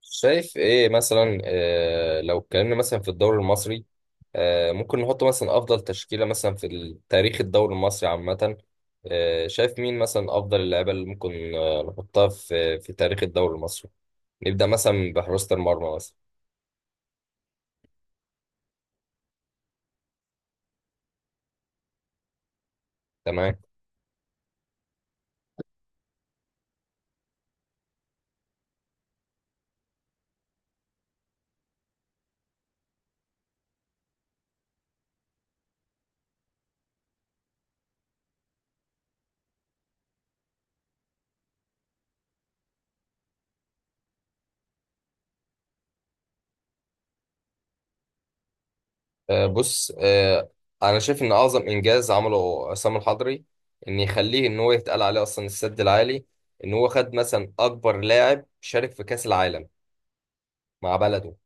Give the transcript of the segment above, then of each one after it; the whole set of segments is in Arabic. شايف ايه مثلا لو اتكلمنا مثلا في الدوري المصري. ممكن نحط مثلا افضل تشكيلة مثلا في تاريخ الدوري المصري عامة. شايف مين مثلا افضل اللعيبة اللي ممكن نحطها في تاريخ الدوري المصري. نبدأ مثلا بحراسة المرمى مثلا. تمام. آه، بص آه، انا شايف ان اعظم انجاز عمله عصام الحضري ان يخليه ان هو يتقال عليه اصلا السد العالي، ان هو خد مثلا اكبر لاعب شارك في كأس العالم مع بلده.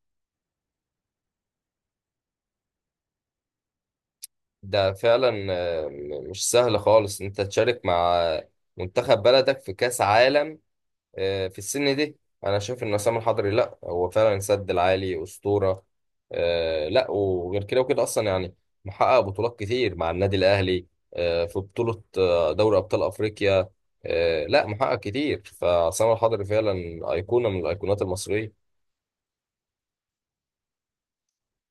ده فعلا مش سهل خالص إن انت تشارك مع منتخب بلدك في كاس عالم في السن دي. انا شايف ان عصام الحضري لا هو فعلا سد العالي اسطوره. لا وغير كده وكده اصلا يعني محقق بطولات كتير مع النادي الاهلي، في بطوله دوري ابطال افريقيا. لا محقق كتير، فعصام الحضري فعلا ايقونه من الايقونات المصريه.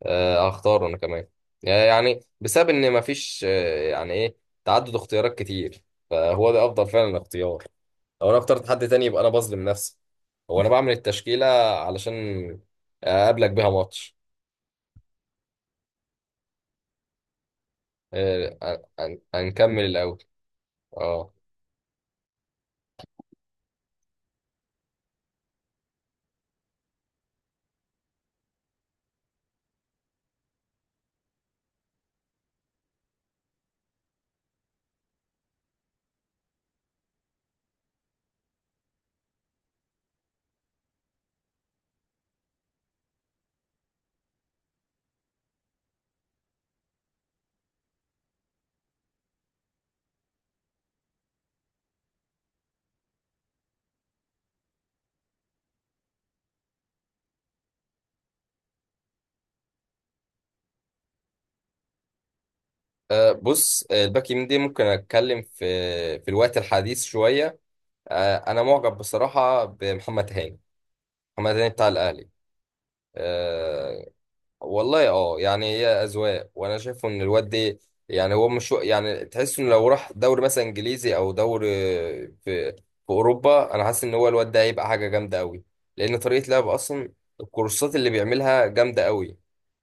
هختاره انا كمان، يعني بسبب ان مفيش يعني ايه تعدد اختيارات كتير، فهو ده افضل فعلا اختيار. لو انا اخترت حد تاني يبقى انا بظلم نفسي. هو انا بعمل التشكيلة علشان اقابلك بيها ماتش. هنكمل الاول. اه. آه، بص آه، الباك يمين دي ممكن اتكلم في الوقت الحديث شوية. انا معجب بصراحة بمحمد هاني. محمد هاني بتاع الاهلي. آه، والله اه، يعني هي اذواق، وانا شايفه ان الواد ده يعني هو مش، يعني تحس انه لو راح دوري مثلا انجليزي او دوري في اوروبا، انا حاسس ان هو الواد ده هيبقى حاجه جامده قوي، لان طريقه لعبه اصلا الكورسات اللي بيعملها جامده قوي.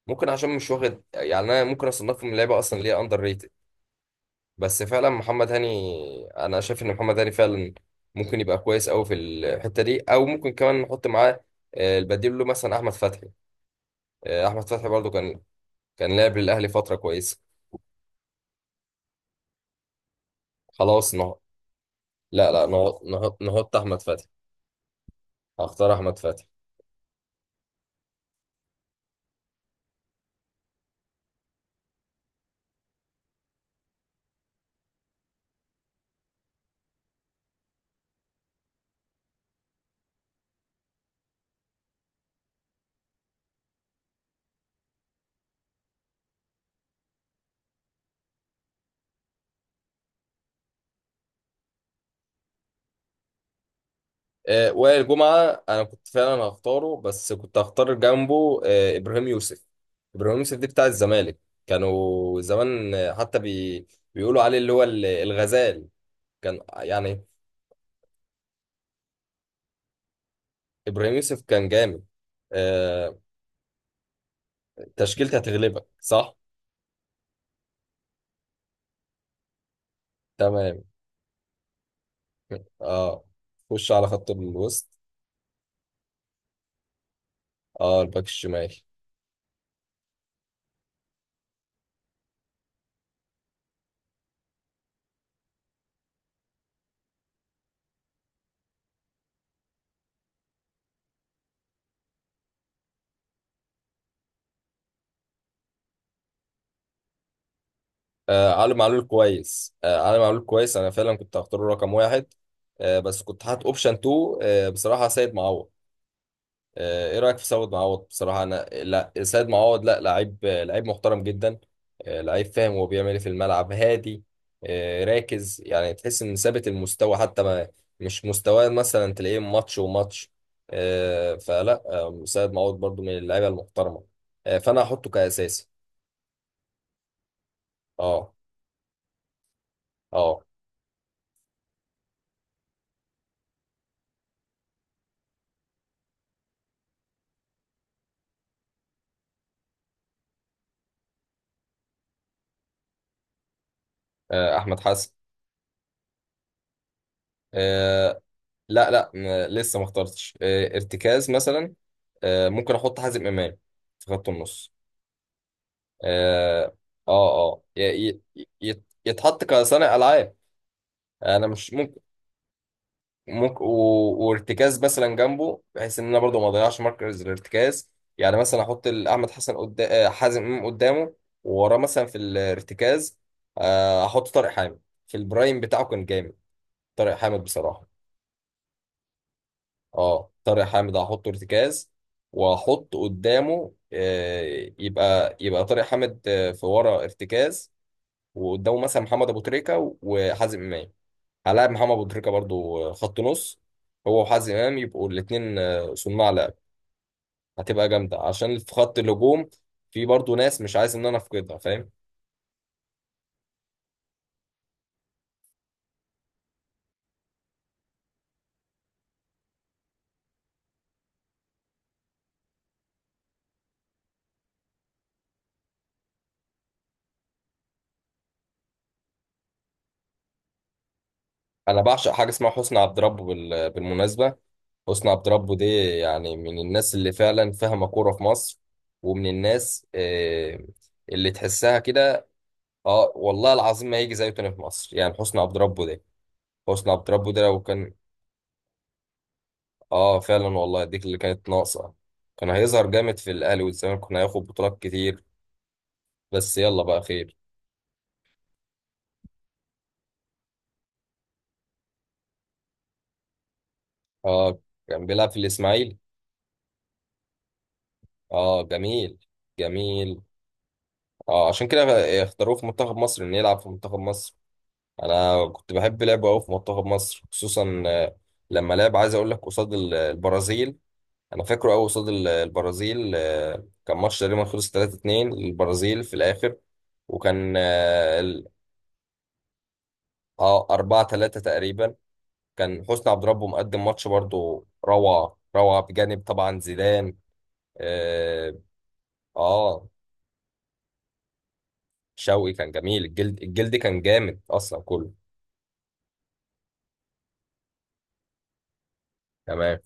ممكن عشان مش واخد، يعني انا ممكن اصنفه من لعيبه اصلا ليه اندر ريتد، بس فعلا محمد هاني، انا شايف ان محمد هاني فعلا ممكن يبقى كويس قوي في الحته دي. او ممكن كمان نحط معاه البديل له مثلا احمد فتحي. احمد فتحي برضو كان، كان لعب للاهلي فتره كويسه. خلاص نه، لا لا، نهض نهض، نهضت احمد فتحي. هختار احمد فتحي. آه وائل جمعه انا كنت فعلا هختاره، بس كنت هختار جنبه آه ابراهيم يوسف. ابراهيم يوسف دي بتاع الزمالك، كانوا زمان حتى بيقولوا عليه اللي هو الغزال. كان يعني ابراهيم يوسف كان جامد. آه تشكيلتي هتغلبك صح. تمام. اه. خش على خط الوسط. اه الباك الشمال. آه علي معلول كويس، آه علي معلول كويس. انا فعلا كنت هختاره رقم واحد، آه بس كنت حاطط اوبشن 2. آه بصراحه سيد معوض. آه ايه رايك في سيد معوض؟ بصراحه انا، لا سيد معوض لا، لعيب لعيب محترم جدا، آه لعيب فاهم هو بيعمل ايه في الملعب، هادي، آه راكز، يعني تحس ان ثابت المستوى حتى ما، مش مستواه مثلا تلاقيه ماتش وماتش. آه فلا، آه سيد معوض برضو من اللعيبه المحترمه، آه فانا هحطه كاساسي. اه. اه. احمد حسن. آه، لا لا م- لسه ما اخترتش ارتكاز مثلا. ممكن احط حازم امام في خط النص. اه. اه. آه. ي- يتحط كصانع العاب. انا مش ممكن، ممكن وارتكاز مثلا جنبه بحيث ان انا برضو ما اضيعش مركز الارتكاز. يعني مثلا احط احمد حسن قدام، حازم امام قدامه، ووراه مثلا في الارتكاز احط طارق حامد. في البرايم بتاعه كان جامد طارق حامد بصراحة. اه طارق حامد هحطه ارتكاز، واحط قدامه، يبقى طارق حامد في ورا ارتكاز، وقدامه مثلا محمد ابو تريكه وحازم امام. هلاعب محمد ابو تريكه برضو خط نص، هو وحازم امام يبقوا الاثنين صناع لعب. هتبقى جامده، عشان في خط الهجوم في برضو ناس مش عايز ان انا افقدها، فاهم. انا بعشق حاجه اسمها حسني عبد ربه بالمناسبه. حسني عبد ربه دي يعني من الناس اللي فعلا فاهمه كوره في مصر، ومن الناس اللي تحسها كده. اه والله العظيم ما هيجي زيه تاني في مصر، يعني حسني عبد ربه ده، حسني عبد ربه ده لو كان. اه فعلا والله، دي اللي كانت ناقصه، كان هيظهر جامد في الاهلي والزمالك، كنا هياخد بطولات كتير. بس يلا بقى خير. اه كان بيلعب في الاسماعيلي. اه جميل. جميل. اه عشان كده اختاروه في منتخب مصر، انه يلعب في منتخب مصر. انا كنت بحب لعبه قوي في منتخب مصر، خصوصا لما لعب، عايز اقول لك قصاد البرازيل. انا فاكره قوي قصاد البرازيل. كان ماتش تقريبا خلص 3-2 للبرازيل في الاخر، وكان اه 4-3 تقريبا. كان حسني عبد ربه مقدم ماتش برضو، روعه روعه، بجانب طبعا زيدان. اه. آه، شوقي كان جميل، الجلد، الجلد كان جامد اصلا كله. تمام.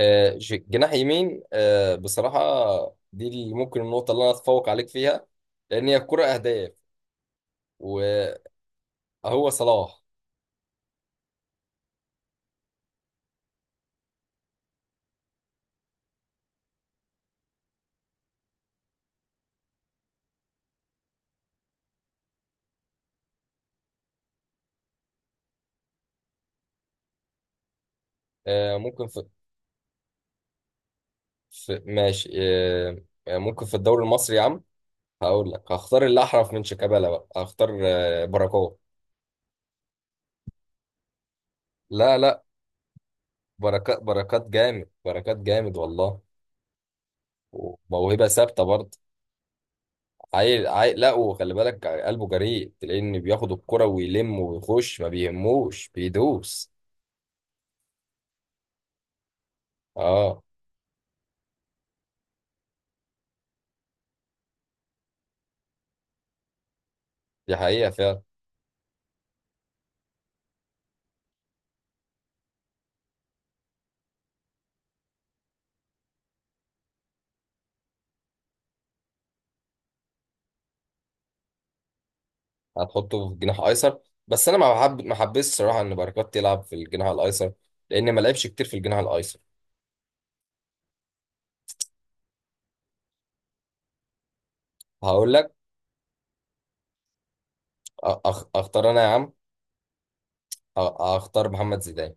جناح يمين بصراحة، دي اللي ممكن، النقطة اللي أنا أتفوق عليك فيها لأن هي الكرة أهداف. وهو صلاح. آه، ممكن في, في ماشي ممكن في الدوري المصري يا عم، هقول لك هختار اللي أحرف من شيكابالا. بقى هختار بركات. لا لا، بركات بركات جامد، بركات جامد والله. وموهبة ثابتة برضه. عيل عيل، لا وخلي بالك قلبه جريء، تلاقيه إن بياخد الكرة ويلم ويخش، ما بيهموش، بيدوس. اه دي حقيقة فعلا. هتحطه في جناح أيسر؟ بس أنا ما بحب، ما حبيتش الصراحة إن بركات يلعب في الجناح الأيسر، لأن ما لعبش كتير في الجناح الأيسر. هقول لك أختار أنا يا عم، أختار محمد زيدان.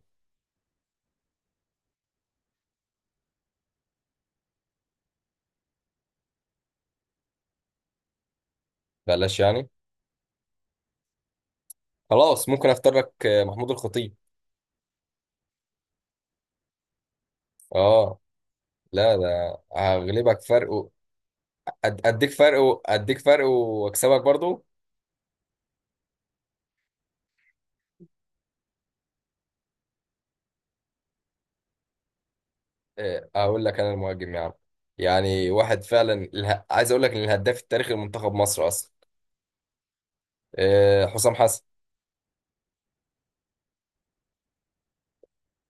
بلاش يعني. خلاص ممكن أختار لك محمود الخطيب. أه. لا ده هغلبك فرق أديك فرق أديك فرق وأكسبك برضو. أقول لك أنا المهاجم يا عم. يعني واحد فعلا، عايز أقول لك إن الهداف التاريخي لمنتخب مصر أصلا حسام حسن.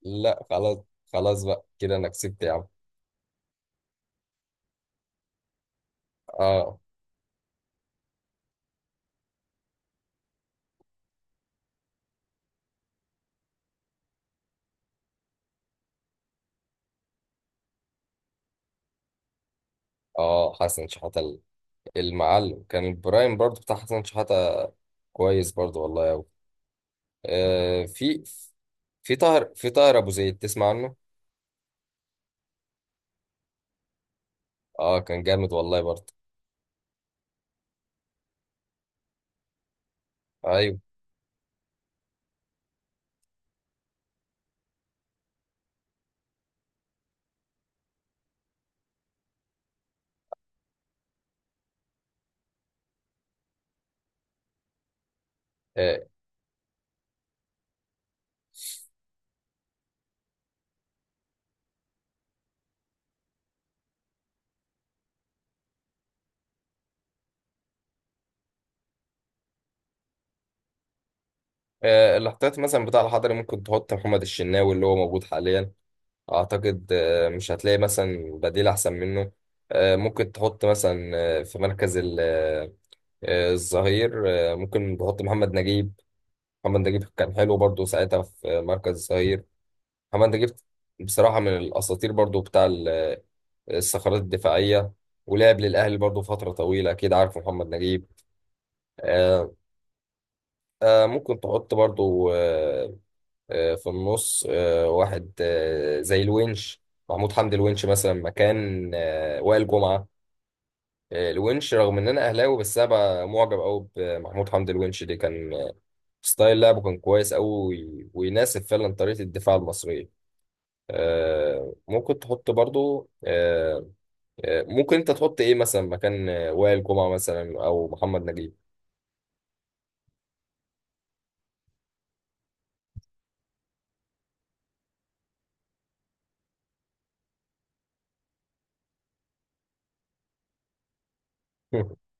لا خلاص. خلاص بقى كده انا كسبت يا عم. اه. اه حسن شحاتة. المعلم كان البرايم برضو بتاع حسن شحاتة، كويس برضو والله أوي. آه في، في طاهر، في طاهر ابو زيد، تسمع عنه؟ اه كان جامد والله برضو. ايوه. آه. آه الاحتياط مثلا بتاع الحضري، ممكن تحط محمد الشناوي اللي هو موجود حاليا. اعتقد آه مش هتلاقي مثلا بديل احسن منه. آه ممكن تحط مثلا آه في مركز الظهير ممكن تحط محمد نجيب. محمد نجيب كان حلو برضو ساعتها في مركز الظهير. محمد نجيب بصراحة من الأساطير برضو بتاع الصخرات الدفاعية. ولعب للأهلي برضو فترة طويلة، أكيد عارف محمد نجيب. آه. آه ممكن تحط برضو آه، آه في النص آه واحد آه زي الونش. محمود حمدي الونش مثلا مكان آه وائل جمعة. آه الونش، رغم إن أنا أهلاوي، بس أنا بقى معجب أوي بمحمود حمدي الونش دي، كان ستايل لعبه كان كويس أوي، ويناسب فعلا طريقة الدفاع المصرية. ممكن تحط برضو ممكن انت تحط ايه مثلا مكان وائل جمعة مثلا او محمد نجيب.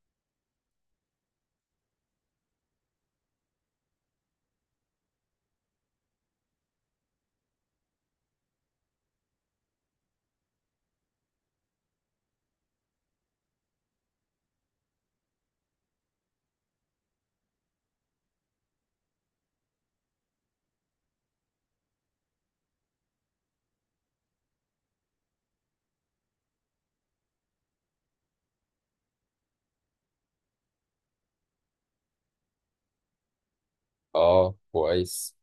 اه كويس.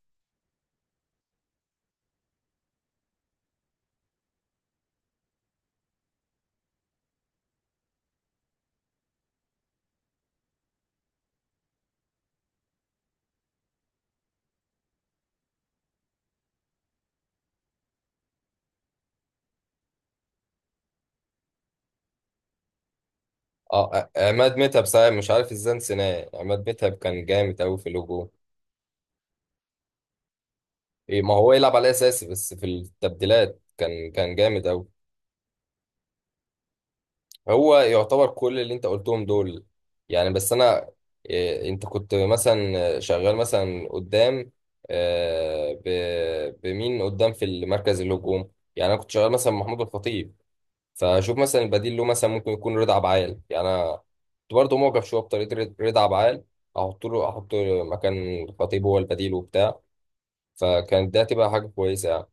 اه عماد متعب، صحيح مش عارف ازاي نسيناه، عماد متعب كان جامد اوي في اللوجو. ايه ما هو يلعب على اساسي، بس في التبديلات كان، كان جامد اوي. هو يعتبر كل اللي انت قلتهم دول يعني، بس انا إيه، انت كنت مثلا شغال مثلا قدام بمين قدام في المركز الهجوم؟ يعني انا كنت شغال مثلا محمود الخطيب، فشوف مثلا البديل له مثلا ممكن يكون رضا عبعال. يعني انا كنت برضه معجب شويه بطريقه رضا، عبعال. احط له، احط مكان الخطيب هو البديل وبتاع، فكانت ده تبقى حاجه كويسه يعني.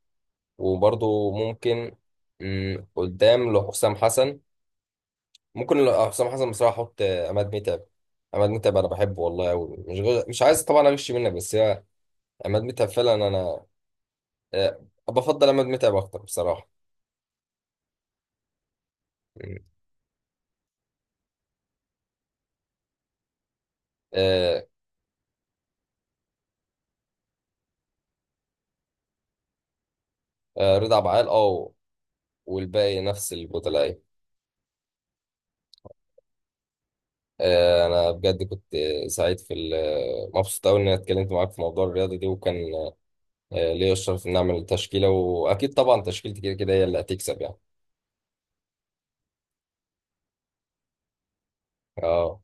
وبرضه ممكن، مم، قدام لحسام حسن ممكن حسام حسن بصراحه احط عماد متعب. عماد متعب انا بحبه والله قوي، مش مش عايز طبعا اغش منك، بس هي عماد متعب فعلا انا بفضل عماد متعب اكتر بصراحه. مم. آه، رضا عبعال اه. والباقي نفس البطلاء. انا بجد كنت سعيد في مبسوط قوي اني اتكلمت معاك في موضوع الرياضه دي، وكان ليا الشرف ان اعمل تشكيله، واكيد طبعا تشكيلتي كده كده هي اللي هتكسب يعني. اه.